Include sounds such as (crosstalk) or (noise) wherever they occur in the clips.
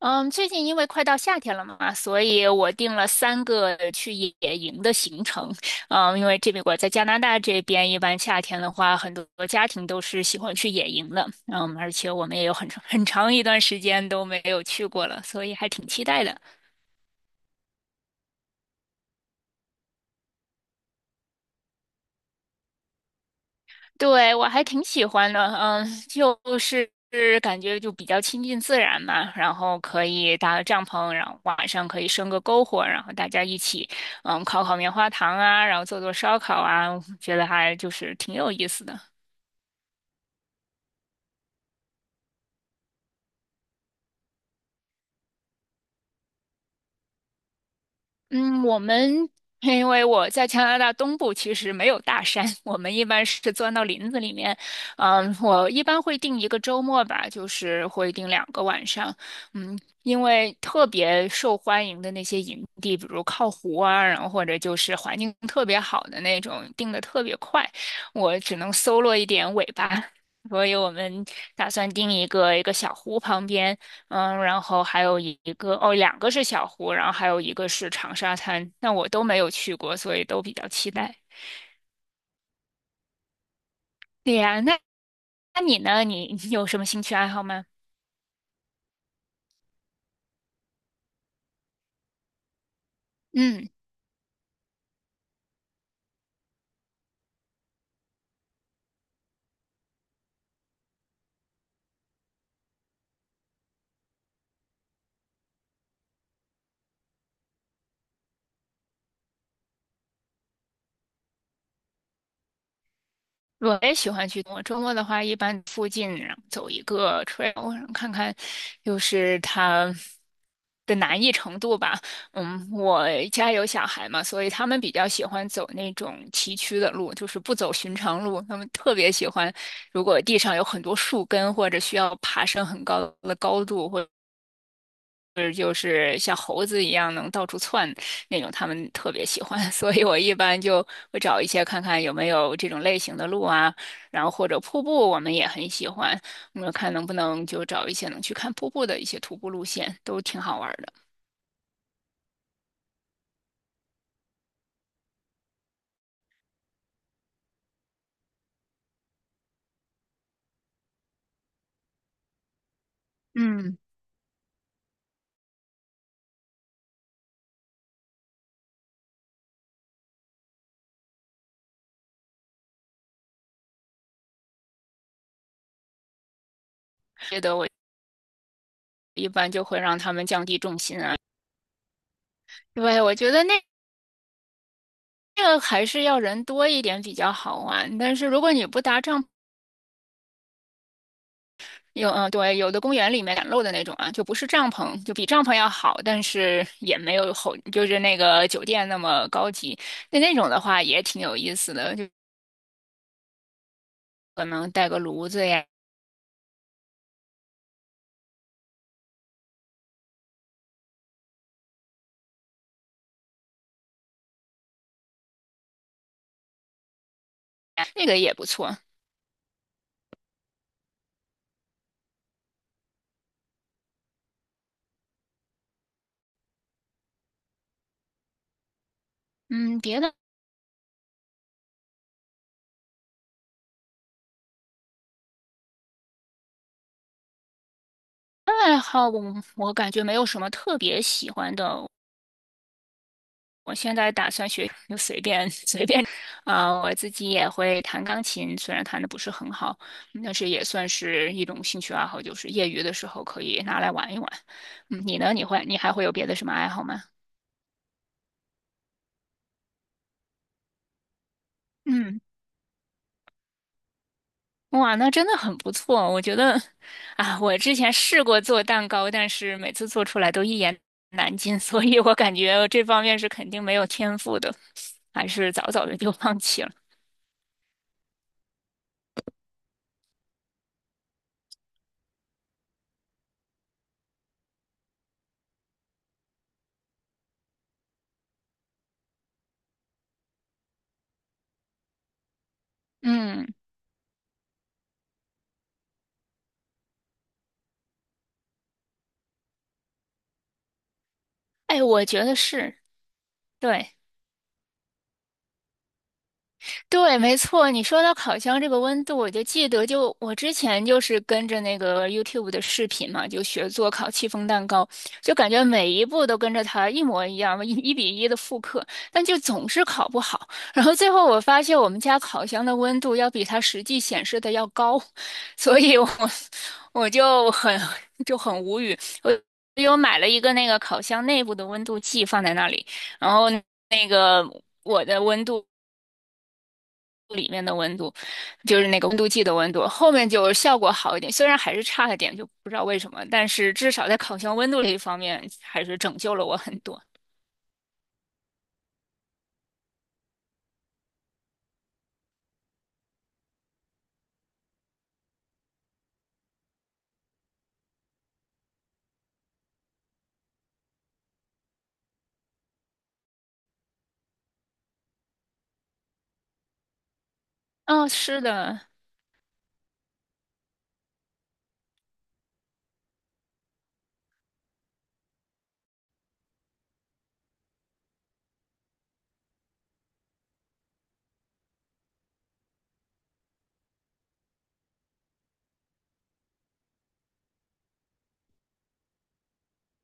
嗯，最近因为快到夏天了嘛，所以我定了三个去野营的行程。因为这边我在加拿大这边，一般夏天的话，很多家庭都是喜欢去野营的。而且我们也有很长很长一段时间都没有去过了，所以还挺期待的。对，我还挺喜欢的，感觉就比较亲近自然嘛，然后可以搭个帐篷，然后晚上可以生个篝火，然后大家一起，烤烤棉花糖啊，然后做做烧烤啊，觉得还就是挺有意思的。嗯，我们因为我在加拿大东部，其实没有大山，(laughs) 我们一般是钻到林子里面。我一般会定一个周末吧，就是会定两个晚上。因为特别受欢迎的那些营地，比如靠湖啊，然后或者就是环境特别好的那种，定的特别快，我只能搜罗一点尾巴。(laughs) 所以我们打算定一个小湖旁边。嗯，然后还有一个，哦，两个是小湖，然后还有一个是长沙滩，那我都没有去过，所以都比较期待。对呀，那你呢？你有什么兴趣爱好吗？嗯。我也喜欢去。我周末的话，一般附近然后走一个 trail，然后看看，就是它的难易程度吧。嗯，我家有小孩嘛，所以他们比较喜欢走那种崎岖的路，就是不走寻常路。他们特别喜欢，如果地上有很多树根，或者需要爬升很高的高度，或是就是像猴子一样能到处窜那种，他们特别喜欢，(laughs) 所以我一般就会找一些看看有没有这种类型的路啊，然后或者瀑布，我们也很喜欢，我们看能不能就找一些能去看瀑布的一些徒步路线，都挺好玩儿的。嗯，觉得我一般就会让他们降低重心啊，对，我觉得那。这个还是要人多一点比较好玩，但是如果你不搭帐有嗯，对，有的公园里面展露的那种啊，就不是帐篷，就比帐篷要好，但是也没有后，就是那个酒店那么高级。那那种的话也挺有意思的，就可能带个炉子呀，那个也不错。嗯，别的爱好我感觉没有什么特别喜欢的，我现在打算学，就随便 (laughs) 随便，啊，我自己也会弹钢琴，虽然弹的不是很好，但是也算是一种兴趣爱好，就是业余的时候可以拿来玩一玩。嗯，你呢？你还会有别的什么爱好吗？嗯，哇，那真的很不错。我觉得，啊，我之前试过做蛋糕，但是每次做出来都一言难尽，(laughs) 所以我感觉这方面是肯定没有天赋的，还是早早的就放弃了。嗯，哎，我觉得是。对。对，没错，你说到烤箱这个温度，我就记得我之前就是跟着那个 YouTube 的视频嘛，就学做烤戚风蛋糕，就感觉每一步都跟着它一模一样，一比一的复刻，但就总是烤不好。然后最后我发现我们家烤箱的温度要比它实际显示的要高，所以我 (laughs) 我就很就很无语。我又买了一个那个烤箱内部的温度计放在那里，然后我的温度。里面的温度，就是那个温度计的温度，后面就效果好一点，虽然还是差了点，就不知道为什么，但是至少在烤箱温度这一方面还是拯救了我很多。嗯、是的，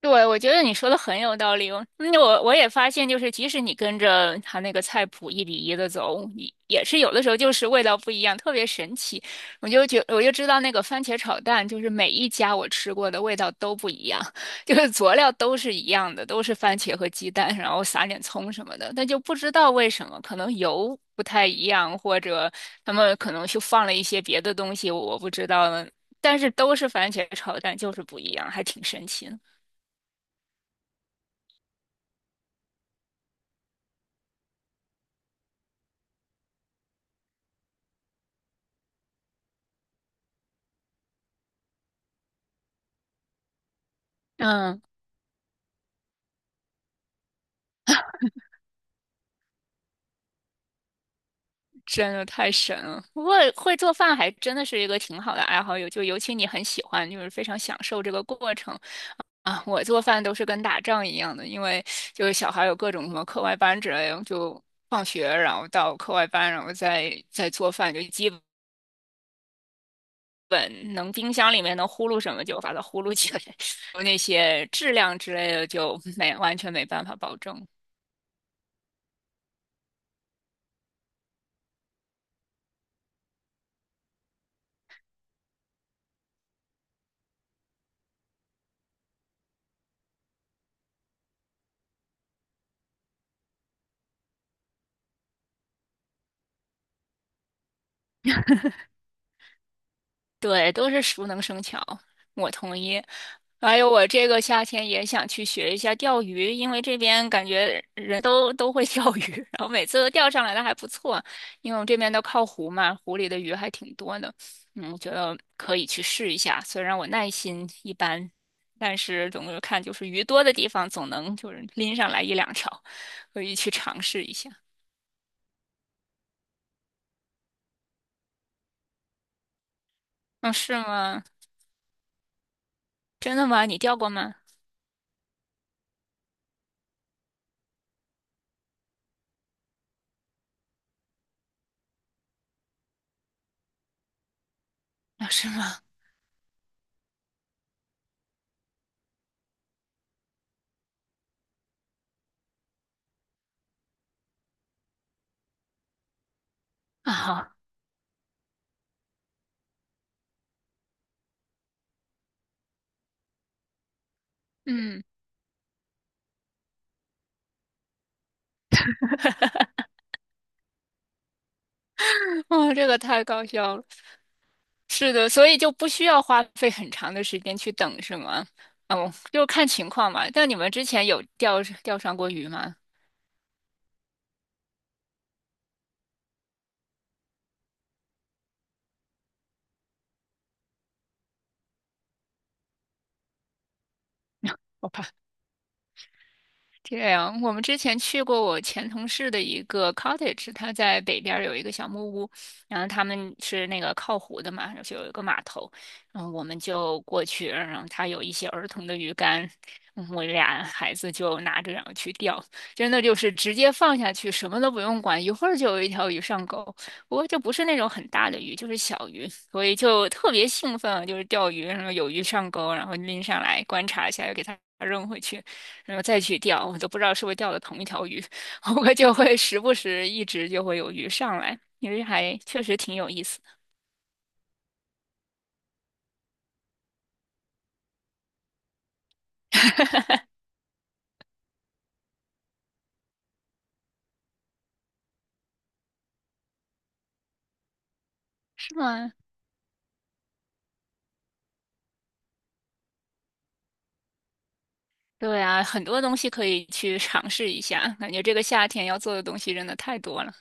对，我觉得你说的很有道理哦。那我也发现，就是即使你跟着他那个菜谱一比一的走，你也是有的时候就是味道不一样，特别神奇。我就知道那个番茄炒蛋，就是每一家我吃过的味道都不一样，(laughs) 就是佐料都是一样的，都是番茄和鸡蛋，然后撒点葱什么的，但就不知道为什么，可能油不太一样，或者他们可能就放了一些别的东西，我不知道呢。但是都是番茄炒蛋，就是不一样，还挺神奇的。嗯，真的太神了！不过会做饭还真的是一个挺好的爱好，尤其你很喜欢，就是非常享受这个过程啊。我做饭都是跟打仗一样的，因为就是小孩有各种什么课外班之类的，就放学然后到课外班，然后再做饭，就基本能冰箱里面能呼噜什么就把它呼噜起来，(laughs) 那些质量之类的就没完全没办法保证。对，都是熟能生巧，我同意。还有，我这个夏天也想去学一下钓鱼，因为这边感觉人都会钓鱼，(laughs) 然后每次都钓上来的还不错，因为我们这边都靠湖嘛，湖里的鱼还挺多的。嗯，我觉得可以去试一下，虽然我耐心一般，但是总的看就是鱼多的地方总能就是拎上来一两条，可以去尝试一下。嗯，是吗？真的吗？你钓过吗？啊，是吗？啊，好嗯。哦，这个太搞笑了。是的，所以就不需要花费很长的时间去等，是吗？哦，就看情况嘛。但你们之前有钓上过鱼吗？我怕。这样，我们之前去过我前同事的一个 cottage，他在北边儿有一个小木屋，然后他们是那个靠湖的嘛，就是有一个码头，然后我们就过去，然后他有一些儿童的鱼竿，嗯我俩孩子就拿着然后去钓，真的就是直接放下去，什么都不用管，一会儿就有一条鱼上钩。不过就不是那种很大的鱼，就是小鱼，所以就特别兴奋，就是钓鱼，然后有鱼上钩，然后拎上来观察一下，又给它扔回去。然后再去钓，我都不知道是不是钓的同一条鱼，(laughs) 我就会时不时一直就会有鱼上来，因为还确实挺有意思的，是吗？对啊，很多东西可以去尝试一下，感觉这个夏天要做的东西真的太多了。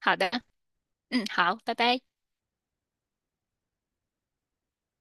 好的，嗯，好，拜拜。